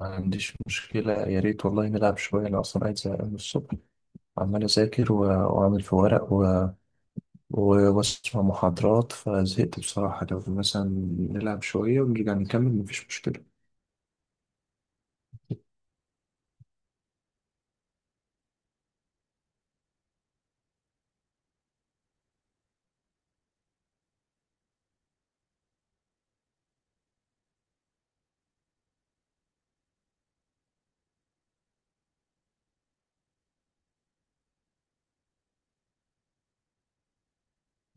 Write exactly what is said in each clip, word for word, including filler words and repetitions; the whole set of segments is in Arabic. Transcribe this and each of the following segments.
ما عنديش مشكلة. يا ريت والله نلعب شوية. أنا أصلا قاعد زهقان من الصبح، عمال أذاكر و- وأعمل في ورق و... و- وأسمع محاضرات، فزهقت بصراحة. لو مثلا نلعب شوية ونرجع نكمل، مفيش مشكلة.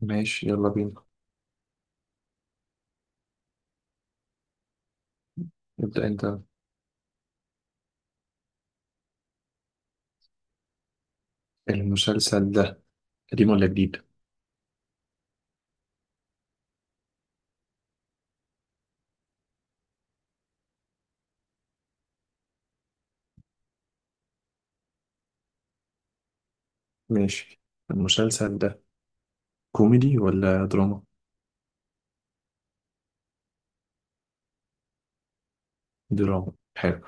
ماشي، يلا بينا. ابدأ أنت. المسلسل ده قديم ولا جديد؟ ماشي. المسلسل ده كوميدي ولا دراما؟ دراما، حلو.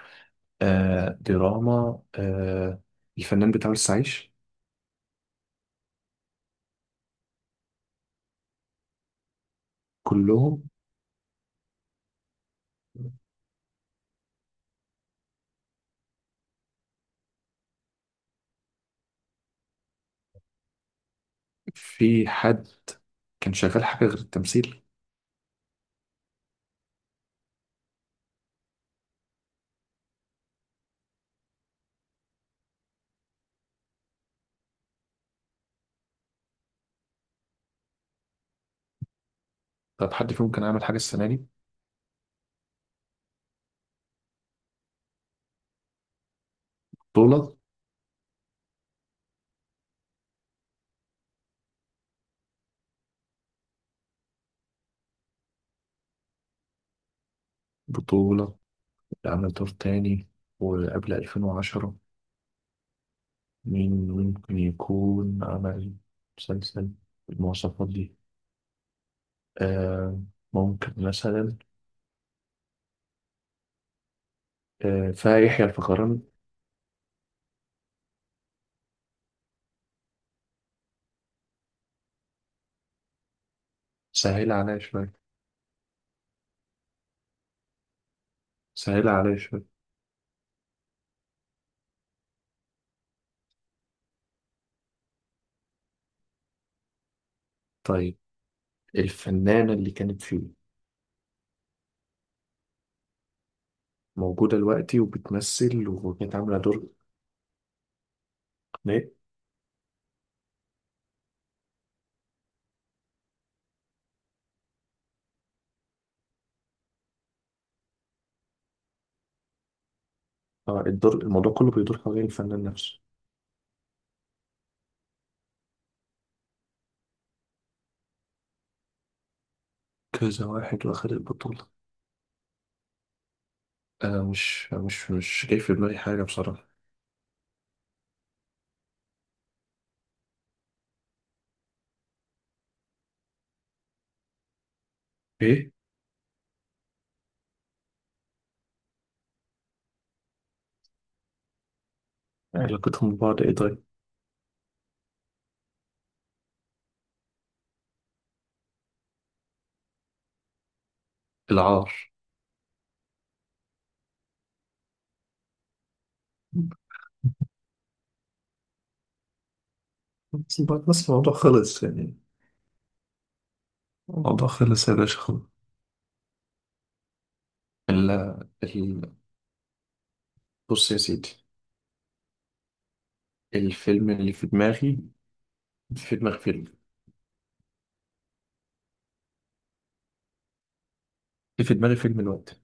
آه، دراما آه. الفنان بتاع لسه عايش؟ كلهم؟ في حد كان شغال حاجة غير التمثيل؟ طب حد فيهم كان عامل حاجة السنة دي؟ بطولة؟ بطولة، عمل دور تاني. وقبل ألفين وعشرة، مين ممكن يكون عمل مسلسل بالمواصفات دي؟ آه، ممكن مثلا، آه فيحيى الفخراني. سهل عليا شوية، سهل عليا شوية. طيب، الفنانة اللي كانت فيه موجودة دلوقتي وبتمثل وكانت عاملة دور؟ إيه؟ آه، الدور، الموضوع كله بيدور حوالين الفنان نفسه؟ كذا واحد واخد البطولة. أنا مش مش مش جاي في دماغي حاجة بصراحة. إيه؟ علاقتهم ببعض إيه طيب؟ العار. بس بعد- بس الموضوع خلص يعني. الموضوع خلص يا باشا، خلص. ال ال بص يا سيدي، الفيلم اللي في دماغي، في دماغي فيلم، اللي في دماغي فيلم الوقت.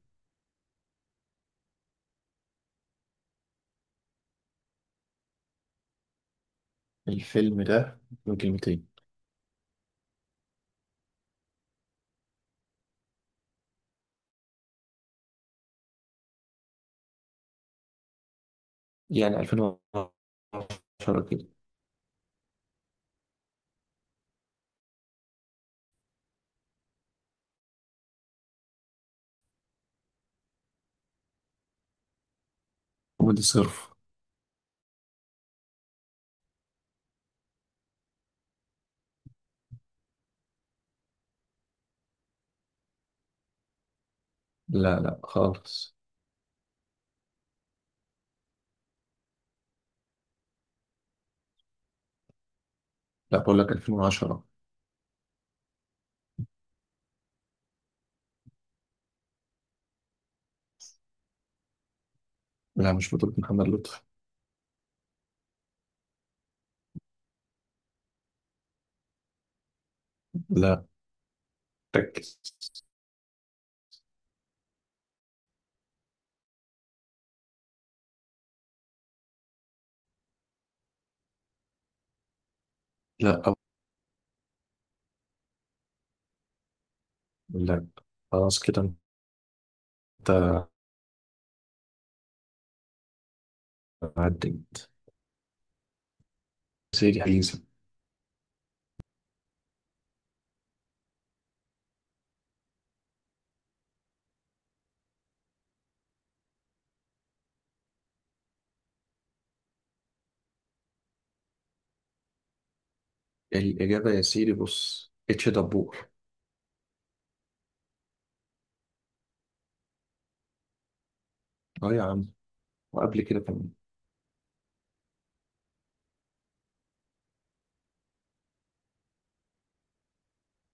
الفيلم ده من كلمتين. يعني ألفين وعشرة كده. كوميدي صرف. لا لا خالص. لا، بقول لك ألفين وعشرة. لا مش بطولة محمد لطفي. لا. ركز. لا. لا خلاص كده. انت عديت سيدي حيزة. الإجابة يا سيدي بص، اتش دبور. اه يا عم، وقبل كده كمان.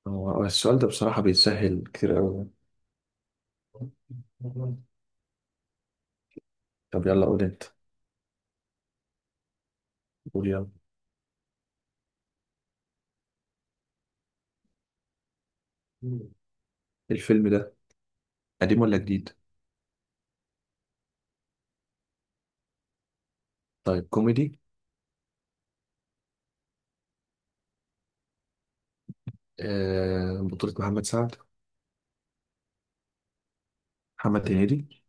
هو السؤال ده بصراحة بيتسهل كتير أوي. طب يلا قول أنت، قول يلا. الفيلم ده قديم ولا جديد؟ طيب، كوميدي. آه، بطولة محمد سعد؟ محمد هنيدي؟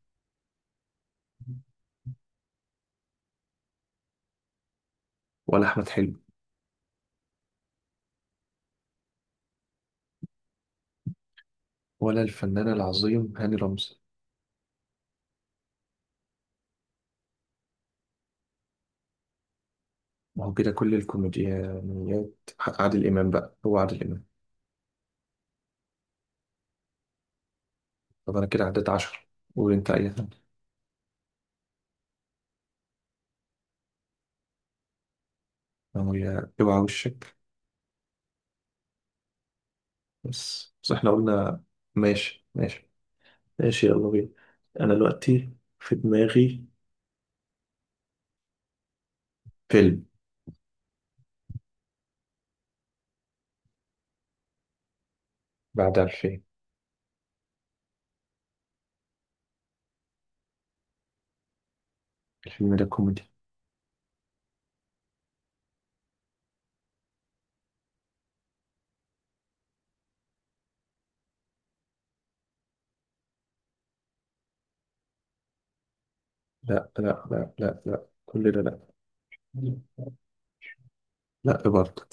ولا أحمد حلمي؟ ولا الفنان العظيم هاني رمزي؟ ما هو كده كل الكوميديانيات. عادل إمام بقى، هو عادل إمام. طب انا كده عديت عشر. قول انت اي حاجه. هي اوعى وشك. بس بس احنا قلنا ماشي، ماشي ماشي، يلا بينا. انا دلوقتي في دماغي فيلم. بعد ألفين. الفيلم ده كوميدي. لا لا لا لا لا، كل ده لا. لا إيه برضه.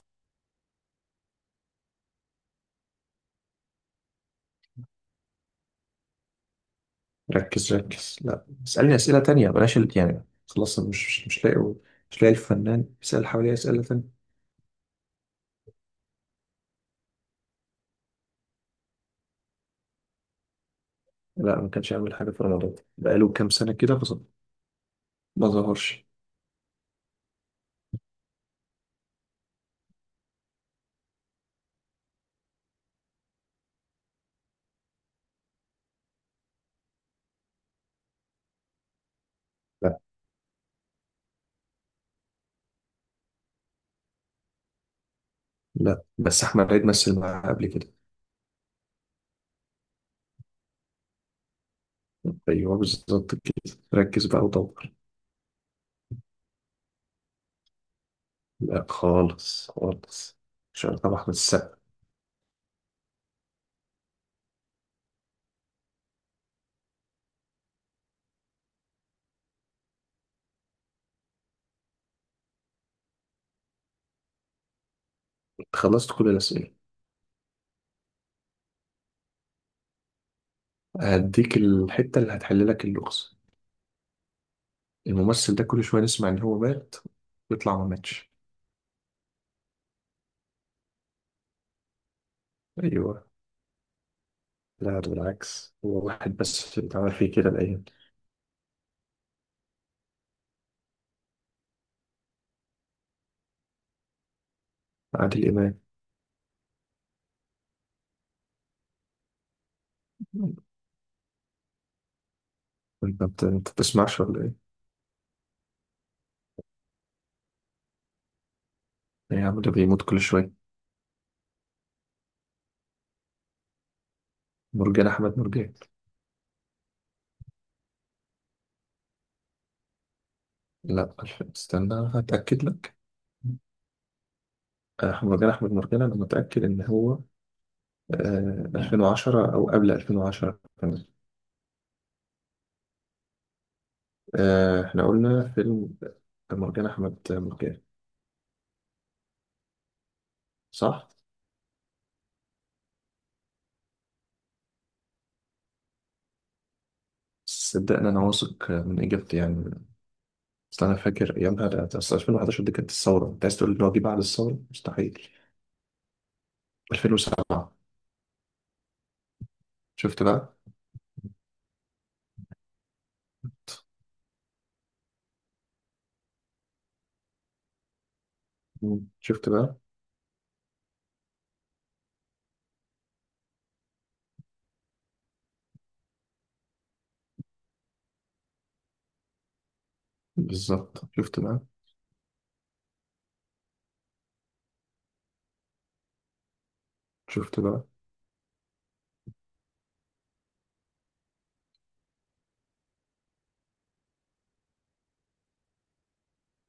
ركز ركز. لا، اسألني أسئلة تانية، بلاش ال- يعني. خلاص، أنا مش مش مش لاقي. مش لاقي الفنان، بيسأل حواليه أسئلة تانية. لا، ما كانش يعمل حاجة في رمضان بقاله كام سنة كده فص- ما ظهرش. لا بس احمد عيد مثل معاه قبل كده. ايوه بالظبط كده، ركز بقى ودور. لا خالص خالص. مش عارف طبعا احمد السقا. خلصت كل الاسئله. هديك الحته اللي هتحل لك اللغز. الممثل ده كل شويه نسمع ان هو مات، ويطلع ما ماتش. ايوه. لا بالعكس، هو واحد بس اللي اتعمل فيه كده الايام دي. عادل امام. انت بت- انت بتسمعش ولا ايه؟ إيه يا عم، ده بيموت كل شويه. مرجان احمد مرجان. لا الف- استنى هتاكد لك. أحمد أحمد مرجان، أنا متأكد إن هو، آه ألفين وعشرة أو قبل ألفين وعشرة كمان. آه، إحنا قلنا فيلم مرجان أحمد مرجان، صح؟ صدقني أنا واثق من إجابتي يعني. أصل أنا فاكر أيامها، ده ده أصل ألفين وأحد عشر دي كانت الثورة. أنت عايز تقول إن هو جه بعد الثورة؟ مستحيل. ألفين وسبعة. شفت بقى؟ مم. شفت بقى؟ بالظبط، شفت بقى؟ شفت بقى؟